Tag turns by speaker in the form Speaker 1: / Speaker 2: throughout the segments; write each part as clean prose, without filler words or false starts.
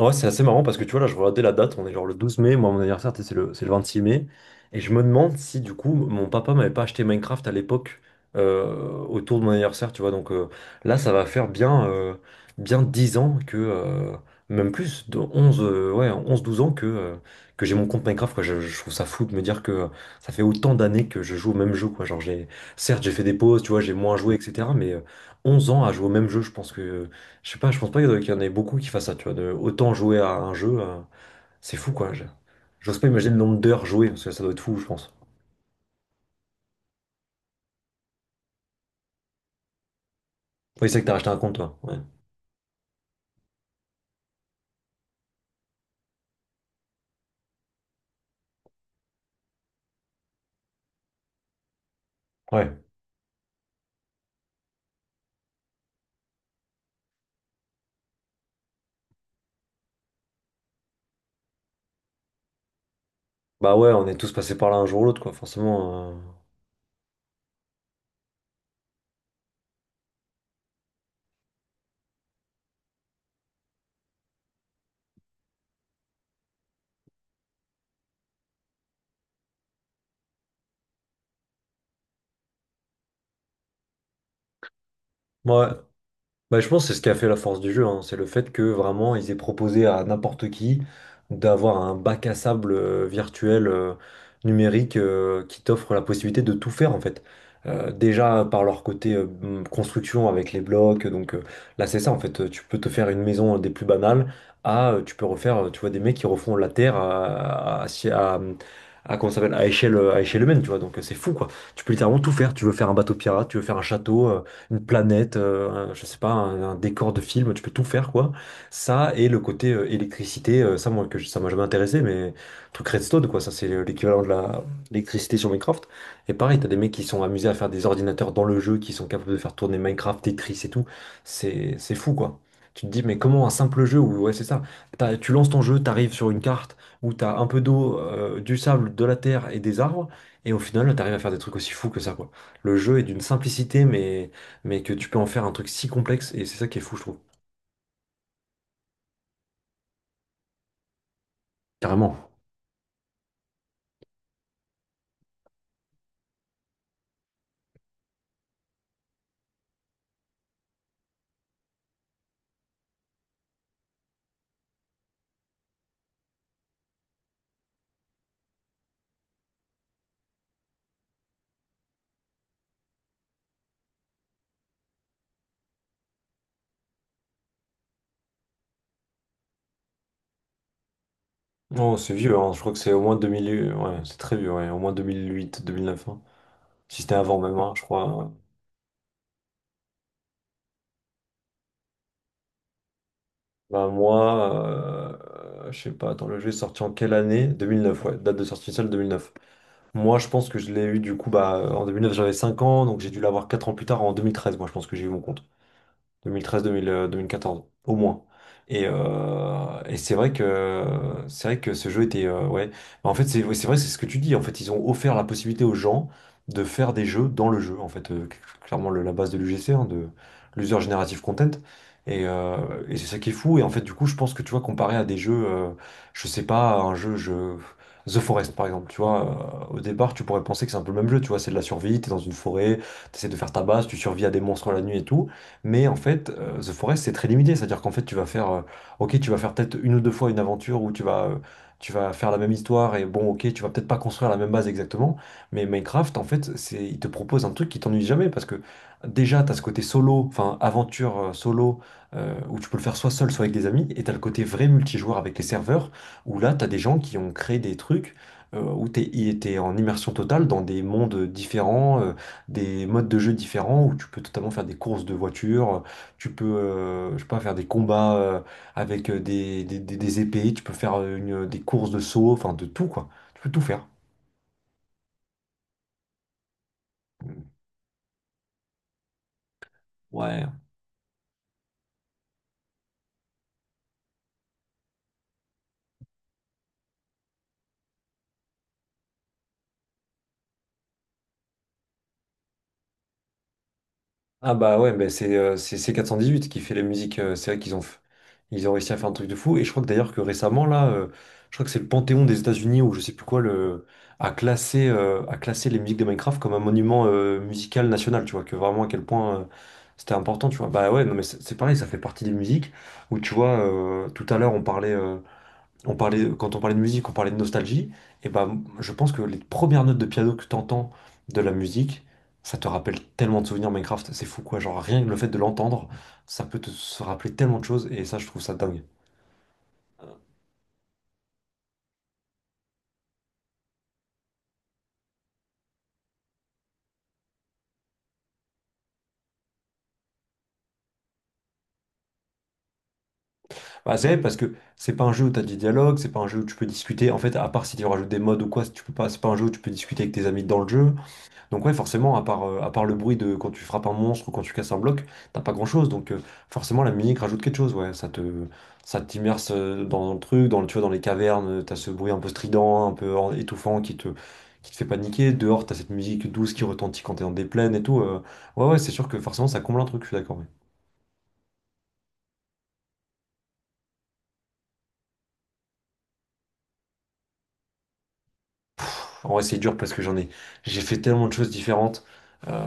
Speaker 1: Ouais, c'est assez marrant parce que tu vois, là, je regardais la date, on est genre le 12 mai. Moi, mon anniversaire, t'sais, c'est le 26 mai, et je me demande si, du coup, mon papa m'avait pas acheté Minecraft à l'époque, euh, autour de mon anniversaire, tu vois. Donc là, ça va faire bien, bien 10 ans que, même plus, de 11 ouais, 11 12 ans que j'ai mon compte Minecraft, quoi. Je trouve ça fou de me dire que ça fait autant d'années que je joue au même jeu, quoi. Certes, j'ai fait des pauses, tu vois, j'ai moins joué, etc., mais 11 ans à jouer au même jeu, je pense que… Je sais pas, je pense pas qu'il y en ait beaucoup qui fassent ça, tu vois, de autant jouer à un jeu. C'est fou quoi. J'ose pas imaginer le nombre d'heures jouées, parce que ça doit être fou, je pense. Oui, c'est vrai que t'as acheté un compte, toi. Ouais. Ouais. Bah ouais, on est tous passés par là un jour ou l'autre, quoi, forcément. Ouais. Bah, je pense que c'est ce qui a fait la force du jeu, hein. C'est le fait que vraiment ils aient proposé à n'importe qui d'avoir un bac à sable virtuel, numérique, qui t'offre la possibilité de tout faire, en fait. Déjà par leur côté construction avec les blocs. Donc là c'est ça, en fait. Tu peux te faire une maison des plus banales à tu peux refaire, tu vois, des mecs qui refont la terre à- si, à- comment ça s'appelle, à échelle humaine, tu vois. Donc c'est fou quoi. Tu peux littéralement tout faire. Tu veux faire un bateau pirate, tu veux faire un château, une planète, je sais pas, un décor de film. Tu peux tout faire, quoi. Ça et le côté électricité, ça moi ça m'a jamais intéressé, mais truc redstone quoi, ça c'est l'équivalent de la l'électricité sur Minecraft. Et pareil, t'as des mecs qui sont amusés à faire des ordinateurs dans le jeu, qui sont capables de faire tourner Minecraft, Tetris et tout. C'est fou quoi. Tu te dis mais comment un simple jeu où ouais c'est ça, tu lances ton jeu, t'arrives sur une carte où t'as un peu d'eau, du sable, de la terre et des arbres, et au final t'arrives à faire des trucs aussi fous que ça, quoi. Le jeu est d'une simplicité, mais que tu peux en faire un truc si complexe, et c'est ça qui est fou, je trouve. Carrément. Non, c'est vieux, hein. Je crois que c'est au moins 2000… Ouais, c'est très vieux, ouais. Au moins 2008, 2009. Hein. Si c'était avant même, hein, je crois. Ouais. Bah, moi, je sais pas, attends, le jeu est sorti en quelle année? 2009, ouais. Date de sortie initiale 2009. Moi, je pense que je l'ai eu du coup, bah, en 2009, j'avais 5 ans, donc j'ai dû l'avoir 4 ans plus tard, en 2013. Moi, je pense que j'ai eu mon compte. 2013, 2000, 2014, au moins. Et c'est vrai que ce jeu était ouais. Mais en fait, c'est ouais, c'est vrai, c'est ce que tu dis. En fait, ils ont offert la possibilité aux gens de faire des jeux dans le jeu. En fait, clairement la base de l'UGC, hein, de l'User Generative Content. Et, euh, et c'est ça qui est fou. Et en fait, du coup, je pense que tu vois, comparé à des jeux, je sais pas, The Forest par exemple, tu vois. Au départ, tu pourrais penser que c'est un peu le même jeu. Tu vois, c'est de la survie. T'es dans une forêt, t'essaies de faire ta base, tu survis à des monstres la nuit et tout. Mais en fait, The Forest, c'est très limité. C'est-à-dire qu'en fait, tu vas faire, ok, tu vas faire peut-être une ou deux fois une aventure où tu vas faire la même histoire, et bon, ok, tu vas peut-être pas construire la même base exactement. Mais Minecraft, en fait, il te propose un truc qui t'ennuie jamais parce que déjà, tu as ce côté solo, enfin, aventure solo, où tu peux le faire soit seul, soit avec des amis. Et tu as le côté vrai multijoueur avec les serveurs où là, tu as des gens qui ont créé des trucs, où tu es en immersion totale dans des mondes différents, des modes de jeu différents, où tu peux totalement faire des courses de voitures. Tu peux, je sais pas, faire des combats avec des épées. Tu peux faire des courses de saut, enfin de tout, quoi. Tu peux tout faire. Ouais. Ah bah ouais, bah c'est C418 qui fait la musique. C'est vrai qu'ils ont, ils ont réussi à faire un truc de fou. Et je crois que d'ailleurs que récemment, là, je crois que c'est le Panthéon des États-Unis ou je sais plus quoi, le, a classé les musiques de Minecraft comme un monument musical national, tu vois, que vraiment à quel point c'était important, tu vois. Bah ouais, non mais c'est pareil, ça fait partie des musiques où tu vois, tout à l'heure on parlait. Quand on parlait de musique, on parlait de nostalgie, et ben je pense que les premières notes de piano que tu entends de la musique, ça te rappelle tellement de souvenirs Minecraft. C'est fou quoi, genre rien que le fait de l'entendre, ça peut te se rappeler tellement de choses, et ça je trouve ça dingue. Bah, c'est vrai, parce que c'est pas un jeu où t'as des dialogues, c'est pas un jeu où tu peux discuter, en fait, à part si tu rajoutes des modes ou quoi. Si tu peux pas, c'est pas un jeu où tu peux discuter avec tes amis dans le jeu. Donc ouais, forcément, à part le bruit de quand tu frappes un monstre ou quand tu casses un bloc, t'as pas grand-chose. Donc forcément, la musique rajoute quelque chose, ouais. Ça t'immerse dans le truc, tu vois, dans les cavernes, t'as ce bruit un peu strident, un peu étouffant qui te fait paniquer. Dehors, t'as cette musique douce qui retentit quand t'es dans des plaines et tout. Ouais, ouais, c'est sûr que forcément, ça comble un truc, je suis d'accord. Ouais. En vrai, c'est dur parce que j'ai fait tellement de choses différentes. Euh,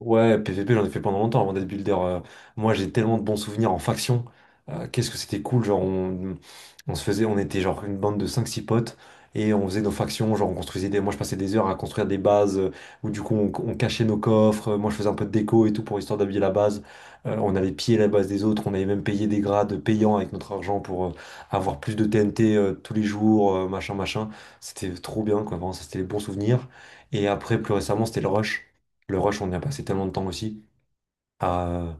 Speaker 1: ouais, PVP, j'en ai fait pendant longtemps avant d'être builder. Moi, j'ai tellement de bons souvenirs en faction. Qu'est-ce que c'était cool, on se faisait, on était genre une bande de cinq six potes et on faisait nos factions. On construisait des, moi je passais des heures à construire des bases où du coup on cachait nos coffres. Moi, je faisais un peu de déco et tout pour histoire d'habiller la base. On allait piller la base des autres, on avait même payé des grades payants avec notre argent pour avoir plus de TNT tous les jours, machin, machin. C'était trop bien, quoi. Vraiment, ça, c'était les bons souvenirs. Et après, plus récemment, c'était le rush. Le rush, on y a passé tellement de temps aussi. Ah,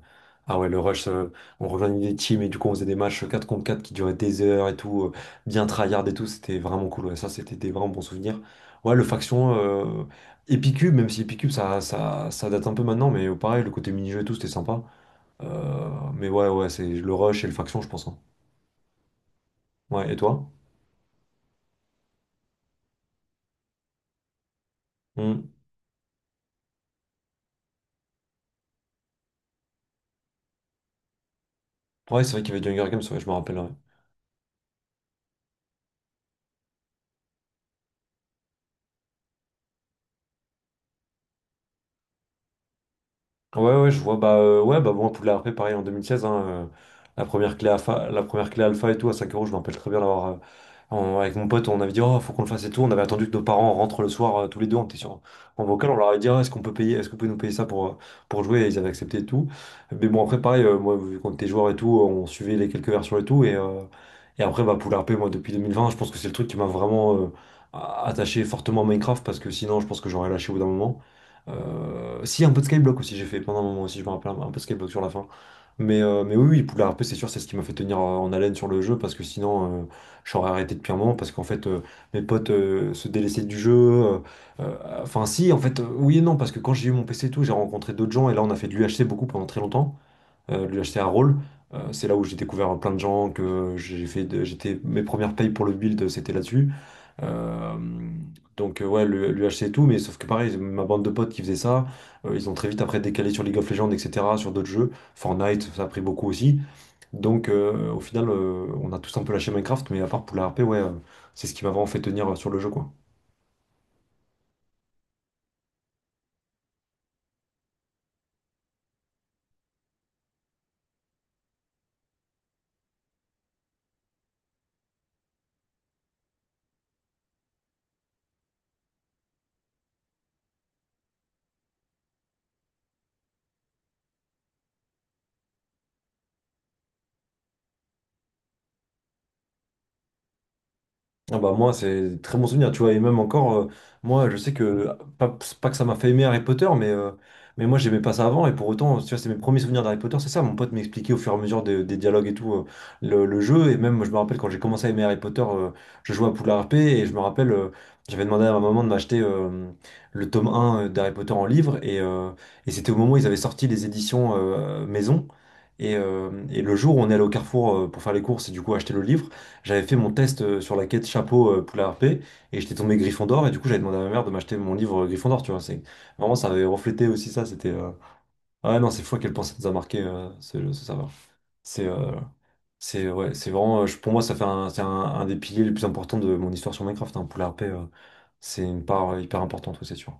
Speaker 1: ah ouais, le rush, on rejoignait des teams et du coup, on faisait des matchs 4 contre 4 qui duraient des heures et tout, bien tryhard et tout. C'était vraiment cool. Ouais. Ça, c'était des vraiment bons souvenirs. Ouais, le faction, Epicube, même si Epicube, ça date un peu maintenant, mais pareil, le côté mini-jeu et tout, c'était sympa. Euh, mais ouais, ouais, c'est le rush et le faction, je pense. Hein. Ouais, et toi? Hmm. Ouais, c'est vrai qu'il y avait du Hunger Games, ouais, je me rappelle. Ouais. Ouais, ouais, je vois. Bah, ouais, bah, bon, Poudlard, après, pareil, en 2016, hein. La première clé alpha et tout, à 5 euros, je me rappelle très bien d'avoir. Avec mon pote, on avait dit, oh, faut qu'on le fasse et tout. On avait attendu que nos parents rentrent le soir, tous les deux, on était sur, en vocal. On leur avait dit, Ah, est-ce qu'on peut payer, est-ce que vous pouvez nous payer ça pour jouer? Et ils avaient accepté et tout. Mais bon, après, pareil, moi, vu qu'on était joueur et tout, on suivait les quelques versions et tout. Et après, bah, Poudlard R P, moi, depuis 2020, je pense que c'est le truc qui m'a vraiment attaché fortement à Minecraft, parce que sinon, je pense que j'aurais lâché au bout d'un moment. Euh, Si, un peu de Skyblock aussi, j'ai fait pendant un moment aussi, je me rappelle, un peu de Skyblock sur la fin. Mais oui, oui, Poudlard RP, c'est sûr, c'est ce qui m'a fait tenir en haleine sur le jeu, parce que sinon, j'aurais arrêté depuis un moment, parce qu'en fait, mes potes se délaissaient du jeu. Enfin, si, en fait, oui et non, parce que quand j'ai eu mon PC et tout, j'ai rencontré d'autres gens, et là, on a fait de l'UHC beaucoup pendant très longtemps, lui acheter un rôle. C'est là où j'ai découvert plein de gens que j'étais mes premières payes pour le build c'était là-dessus. Euh, ouais, lui acheter et tout, mais sauf que pareil ma bande de potes qui faisait ça, ils ont très vite après décalé sur League of Legends, etc, sur d'autres jeux. Fortnite ça a pris beaucoup aussi. Donc au final on a tous un peu lâché Minecraft, mais à part pour la RP, ouais, c'est ce qui m'a vraiment fait tenir sur le jeu, quoi. Ah bah moi, c'est très bon souvenir, tu vois. Et même encore, moi, je sais que, pas, c'est pas que ça m'a fait aimer Harry Potter, mais moi, j'aimais pas ça avant. Et pour autant, tu vois, c'est mes premiers souvenirs d'Harry Potter, c'est ça. Mon pote m'expliquait au fur et à mesure des dialogues et tout, le jeu. Et même, je me rappelle quand j'ai commencé à aimer Harry Potter, je jouais à Poudlard RP. Et je me rappelle, j'avais demandé à ma maman de m'acheter le tome un d'Harry Potter en livre. Et c'était au moment où ils avaient sorti les éditions maison. Et le jour où on est allé au Carrefour pour faire les courses et du coup acheter le livre, j'avais fait mon test sur la quête chapeau poule à harpée, et j'étais tombé Gryffondor, et du coup j'avais demandé à ma mère de m'acheter mon livre Gryffondor, tu vois. C'est vraiment ça, avait reflété aussi ça, c'était ah ouais, non, c'est fou à quel point ça nous a marqué ce serveur. C'est euh, c'est ouais, c'est vraiment pour moi ça fait c'est un des piliers les plus importants de mon histoire sur Minecraft, hein, poule à harpée. C'est une part hyper importante, ouais, c'est sûr.